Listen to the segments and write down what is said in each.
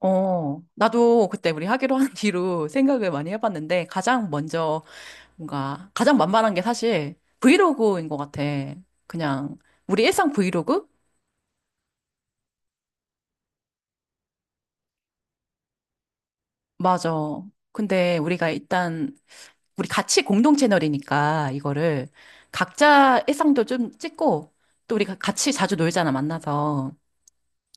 나도 그때 우리 하기로 한 뒤로 생각을 많이 해봤는데 가장 먼저 뭔가 가장 만만한 게 사실 브이로그인 것 같아. 그냥 우리 일상 브이로그? 맞아. 근데 우리가 일단 우리 같이 공동 채널이니까 이거를 각자 일상도 좀 찍고 또 우리가 같이 자주 놀잖아, 만나서.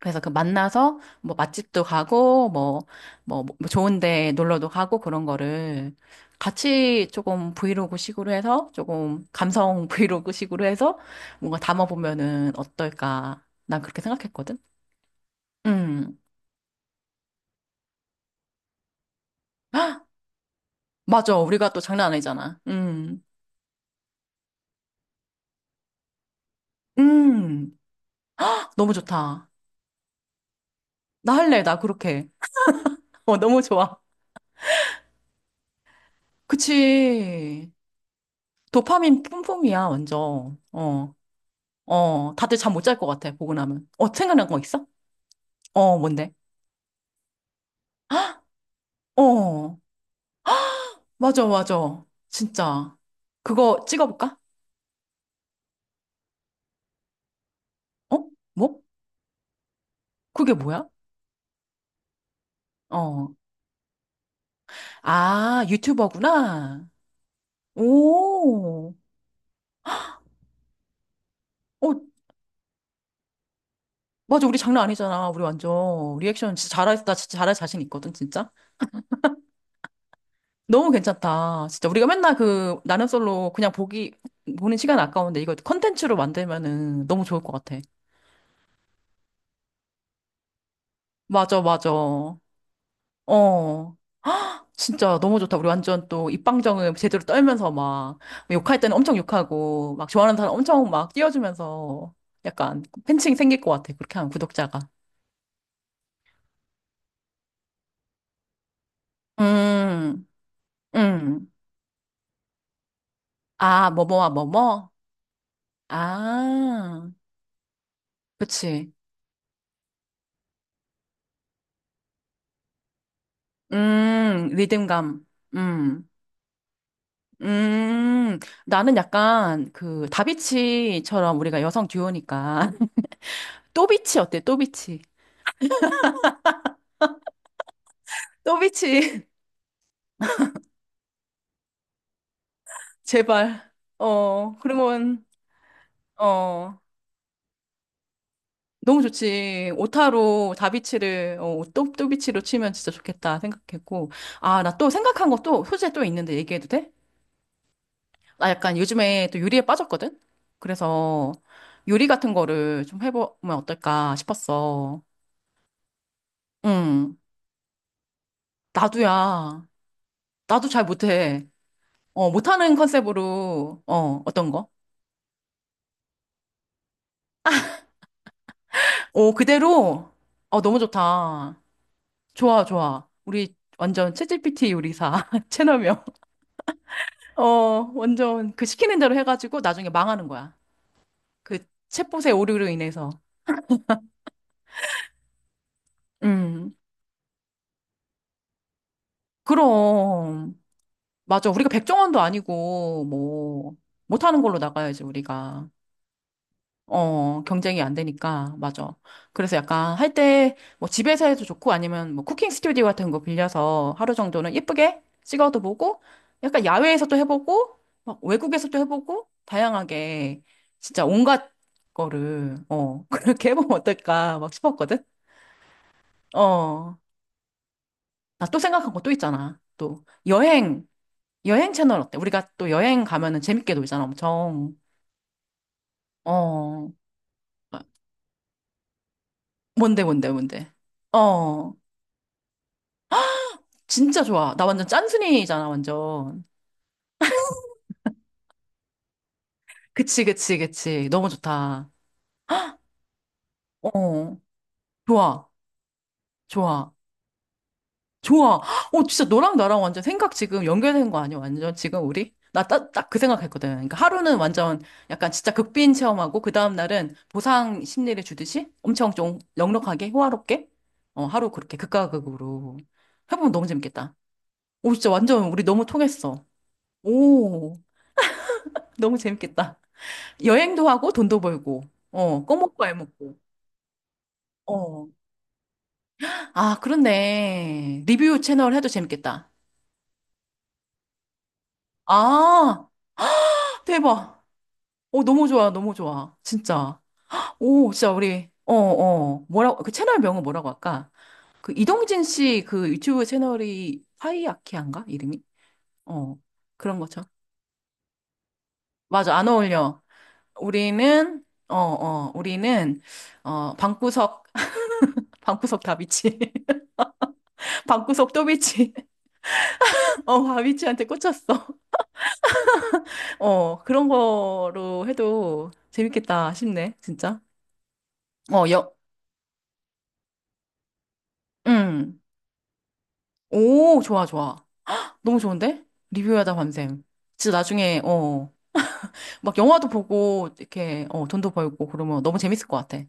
그래서 그 만나서 뭐 맛집도 가고 뭐 좋은 데 놀러도 가고 그런 거를 같이 조금 브이로그 식으로 해서 조금 감성 브이로그 식으로 해서 뭔가 담아보면은 어떨까. 난 그렇게 생각했거든. 음. 맞아. 우리가 또 장난 아니잖아. 음. 음. 너무 좋다. 나 할래. 나 그렇게. 어, 너무 좋아. 그치. 도파민 뿜뿜이야, 완전. 어. 어. 다들 잠 못 잘 것 같아, 보고 나면. 어, 생각난 거 있어? 어, 뭔데? 어, 맞아, 맞아. 진짜. 그거 찍어볼까? 어? 뭐? 그게 뭐야? 어. 아, 유튜버구나. 오. 어, 맞아. 우리 장난 아니잖아. 우리 완전 리액션 진짜 잘할, 나 진짜 잘할 자신 있거든, 진짜. 너무 괜찮다. 진짜. 우리가 맨날 그, 나는 솔로 그냥 보기, 보는 시간 아까운데 이거 컨텐츠로 만들면은 너무 좋을 것 같아. 맞아, 맞아. 어. 진짜 너무 좋다. 우리 완전 또 입방정음 제대로 떨면서 막 욕할 때는 엄청 욕하고 막 좋아하는 사람 엄청 막 띄워주면서 약간 팬층이 생길 것 같아. 그렇게 하면 구독자가. 음, 음. 아, 뭐뭐와 뭐뭐? 아, 그치. 리듬감. 음, 음. 나는 약간 그 다비치처럼 우리가 여성 듀오니까 또비치 어때? 또비치. 또비치. 제발. 그러면, 어. 너무 좋지. 오타로 다비치를, 또비치로 치면 진짜 좋겠다 생각했고. 아, 나 또 생각한 거 또 소재 또 있는데 얘기해도 돼? 나 약간 요즘에 또 요리에 빠졌거든? 그래서 요리 같은 거를 좀 해보면 어떨까 싶었어. 응, 나도야. 나도 잘 못해. 어, 못하는 컨셉으로, 어떤 거? 오, 그대로? 어, 너무 좋다. 좋아, 좋아. 우리 완전 챗 g 피티 요리사 채널명. 어, 완전 그 시키는 대로 해가지고 나중에 망하는 거야. 그 챗봇의 오류로 인해서. 음, 그럼. 맞아. 우리가 백종원도 아니고, 뭐, 못하는 걸로 나가야지, 우리가. 어, 경쟁이 안 되니까, 맞아. 그래서 약간 할 때, 뭐 집에서 해도 좋고 아니면 뭐 쿠킹 스튜디오 같은 거 빌려서 하루 정도는 예쁘게 찍어도 보고, 약간 야외에서도 해보고, 막 외국에서도 해보고, 다양하게 진짜 온갖 거를, 그렇게 해보면 어떨까 막 싶었거든? 어, 나 또 생각한 거 또 있잖아. 여행 채널 어때? 우리가 또 여행 가면은 재밌게 놀잖아, 엄청. 어, 뭔데, 뭔데, 뭔데? 어. 진짜 좋아. 나 완전 짠순이잖아, 완전. 그치, 그치, 그치. 너무 좋다. 어, 좋아, 좋아, 좋아. 어, 진짜 너랑 나랑 완전 생각 지금 연결된 거 아니야, 완전 지금 우리? 나 딱 그 생각했거든. 그러니까 하루는 완전 약간 진짜 극빈 체험하고, 그 다음날은 보상 심리를 주듯이 엄청 좀 넉넉하게, 호화롭게, 하루 그렇게 극과 극으로 해보면 너무 재밌겠다. 오, 진짜 완전 우리 너무 통했어. 오, 너무 재밌겠다. 여행도 하고 돈도 벌고, 꺼먹고 알먹고. 어. 아, 그렇네. 리뷰 채널 해도 재밌겠다. 아, 대박. 오, 너무 좋아, 너무 좋아. 진짜. 오, 진짜 우리. 뭐라고, 그 채널 명은 뭐라고 할까? 그 이동진 씨 그 유튜브 채널이 파이아키아인가? 이름이? 어, 그런 거죠. 맞아, 안 어울려. 우리는, 어, 어, 우리는, 어, 방구석, 방구석 다비치. 방구석 또비치. 어, 다비치한테 꽂혔어. 어, 그런 거로 해도 재밌겠다 싶네, 진짜. 어, 여, 음. 오, 좋아, 좋아. 너무 좋은데? 리뷰하다 밤샘. 진짜 나중에. 막 영화도 보고 이렇게 돈도 벌고 그러면 너무 재밌을 것 같아.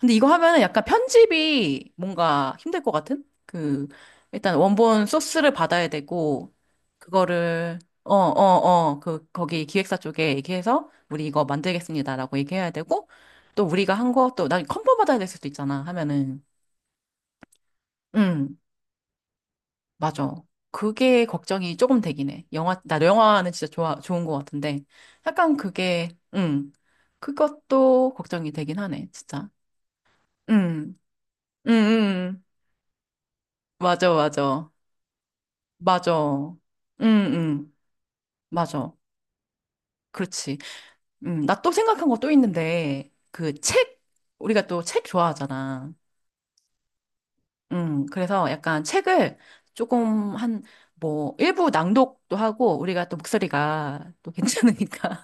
근데 이거 하면은 약간 편집이 뭔가 힘들 것 같은? 그 일단 원본 소스를 받아야 되고 그거를 그 거기 기획사 쪽에 얘기해서 우리 이거 만들겠습니다라고 얘기해야 되고 또 우리가 한 것도 난 컨펌 받아야 될 수도 있잖아 하면은 음. 맞아. 그게 걱정이 조금 되긴 해. 나 영화는 진짜 좋아, 좋은 것 같은데. 약간 그게, 그것도 걱정이 되긴 하네, 진짜. 음음음 음. 맞아, 맞아. 맞아. 음 맞아. 그렇지. 나 또 생각한 거 또 있는데, 그 책, 우리가 또 책 좋아하잖아. 그래서 약간 책을 조금 한, 뭐, 일부 낭독도 하고, 우리가 또 목소리가 또 괜찮으니까.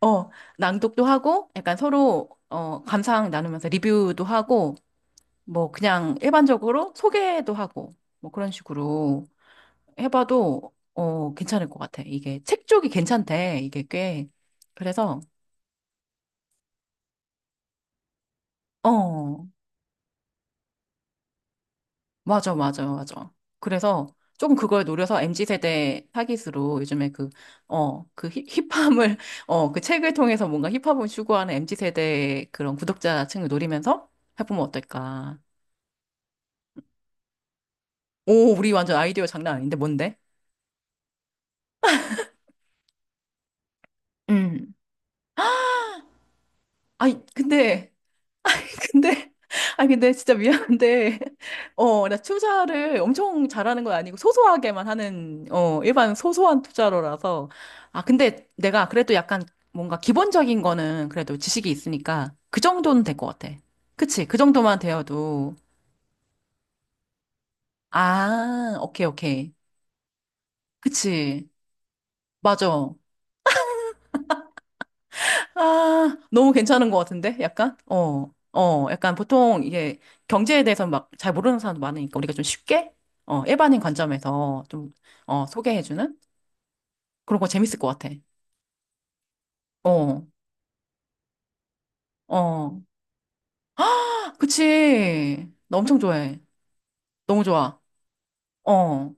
어, 낭독도 하고, 약간 서로, 어, 감상 나누면서 리뷰도 하고, 뭐, 그냥 일반적으로 소개도 하고, 뭐, 그런 식으로 해봐도, 어, 괜찮을 것 같아. 이게 책 쪽이 괜찮대, 이게 꽤. 그래서, 어, 맞아, 맞아, 맞아. 그래서 조금 그걸 노려서 MZ세대 타깃으로 요즘에 힙함을, 어, 그 책을 통해서 뭔가 힙합을 추구하는 MZ세대 그런 구독자층을 노리면서 해보면 어떨까. 오, 우리 완전 아이디어 장난 아닌데, 뭔데? 음. 아니, 근데, 근데, 아니, 근데 진짜 미안한데, 어, 나 투자를 엄청 잘하는 건 아니고, 소소하게만 하는, 일반 소소한 투자로라서. 아, 근데 내가 그래도 약간 뭔가 기본적인 거는 그래도 지식이 있으니까, 그 정도는 될 것 같아. 그치? 그 정도만 되어도. 아, 오케이, 오케이. 그치? 맞아. 아, 너무 괜찮은 것 같은데? 약간? 약간 보통 이게 경제에 대해서 막 잘 모르는 사람도 많으니까 우리가 좀 쉽게, 일반인 관점에서 좀, 소개해주는? 그런 거 재밌을 것 같아. 어, 어. 그치. 나 엄청 좋아해. 너무 좋아. 어,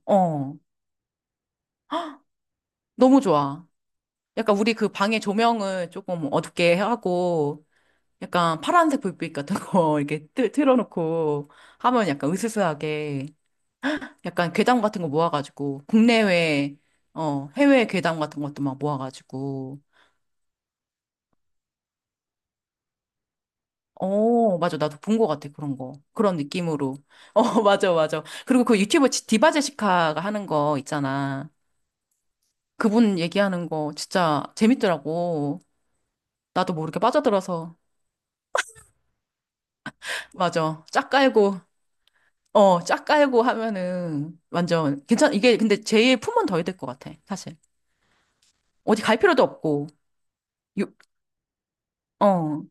어. 헉, 너무 좋아. 약간 우리 그 방의 조명을 조금 어둡게 하고, 약간 파란색 불빛 같은 거 이렇게 틀어놓고 하면 약간 으스스하게 약간 괴담 같은 거 모아가지고, 국내외, 어, 해외 괴담 같은 것도 막 모아가지고, 어, 맞아. 나도 본 것 같아. 그런 거. 그런 느낌으로. 어, 맞아, 맞아. 그리고 그 유튜버 디바 제시카가 하는 거 있잖아. 그분 얘기하는 거 진짜 재밌더라고. 나도 모르게 빠져들어서. 맞아. 짝 깔고 하면은 완전 괜찮, 이게 근데 제일 품은 더 해야 될 것 같아. 사실. 어디 갈 필요도 없고. 유- 어.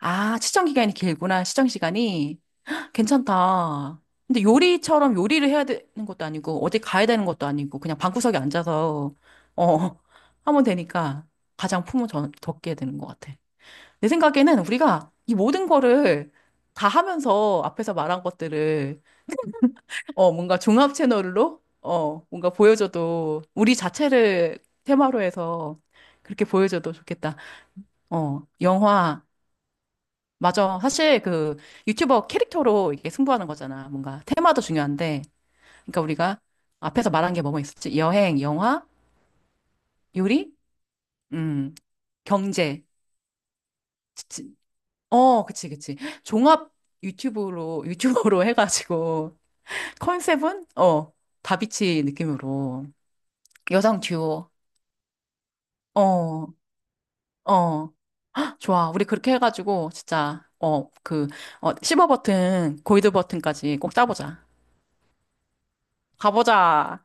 아, 시청 기간이 길구나. 시청 시간이. 괜찮다. 근데 요리처럼 요리를 해야 되는 것도 아니고, 어디 가야 되는 것도 아니고, 그냥 방구석에 앉아서, 어, 하면 되니까 가장 품을 적게 되는 것 같아. 내 생각에는 우리가 이 모든 거를 다 하면서 앞에서 말한 것들을, 뭔가 종합 채널로, 뭔가 보여줘도, 우리 자체를 테마로 해서 그렇게 보여줘도 좋겠다. 어, 영화, 맞아. 사실 그 유튜버 캐릭터로 이게 승부하는 거잖아. 뭔가 테마도 중요한데, 그러니까 우리가 앞에서 말한 게 뭐뭐 있었지? 여행, 영화, 요리, 음, 경제. 지- 어, 그치, 그치. 종합 유튜브로, 유튜버로 해가지고, 컨셉은, 다비치 느낌으로. 여성 듀오. 어, 어. 좋아. 우리 그렇게 해가지고, 진짜, 실버 버튼, 골드 버튼까지 꼭 따보자. 가보자.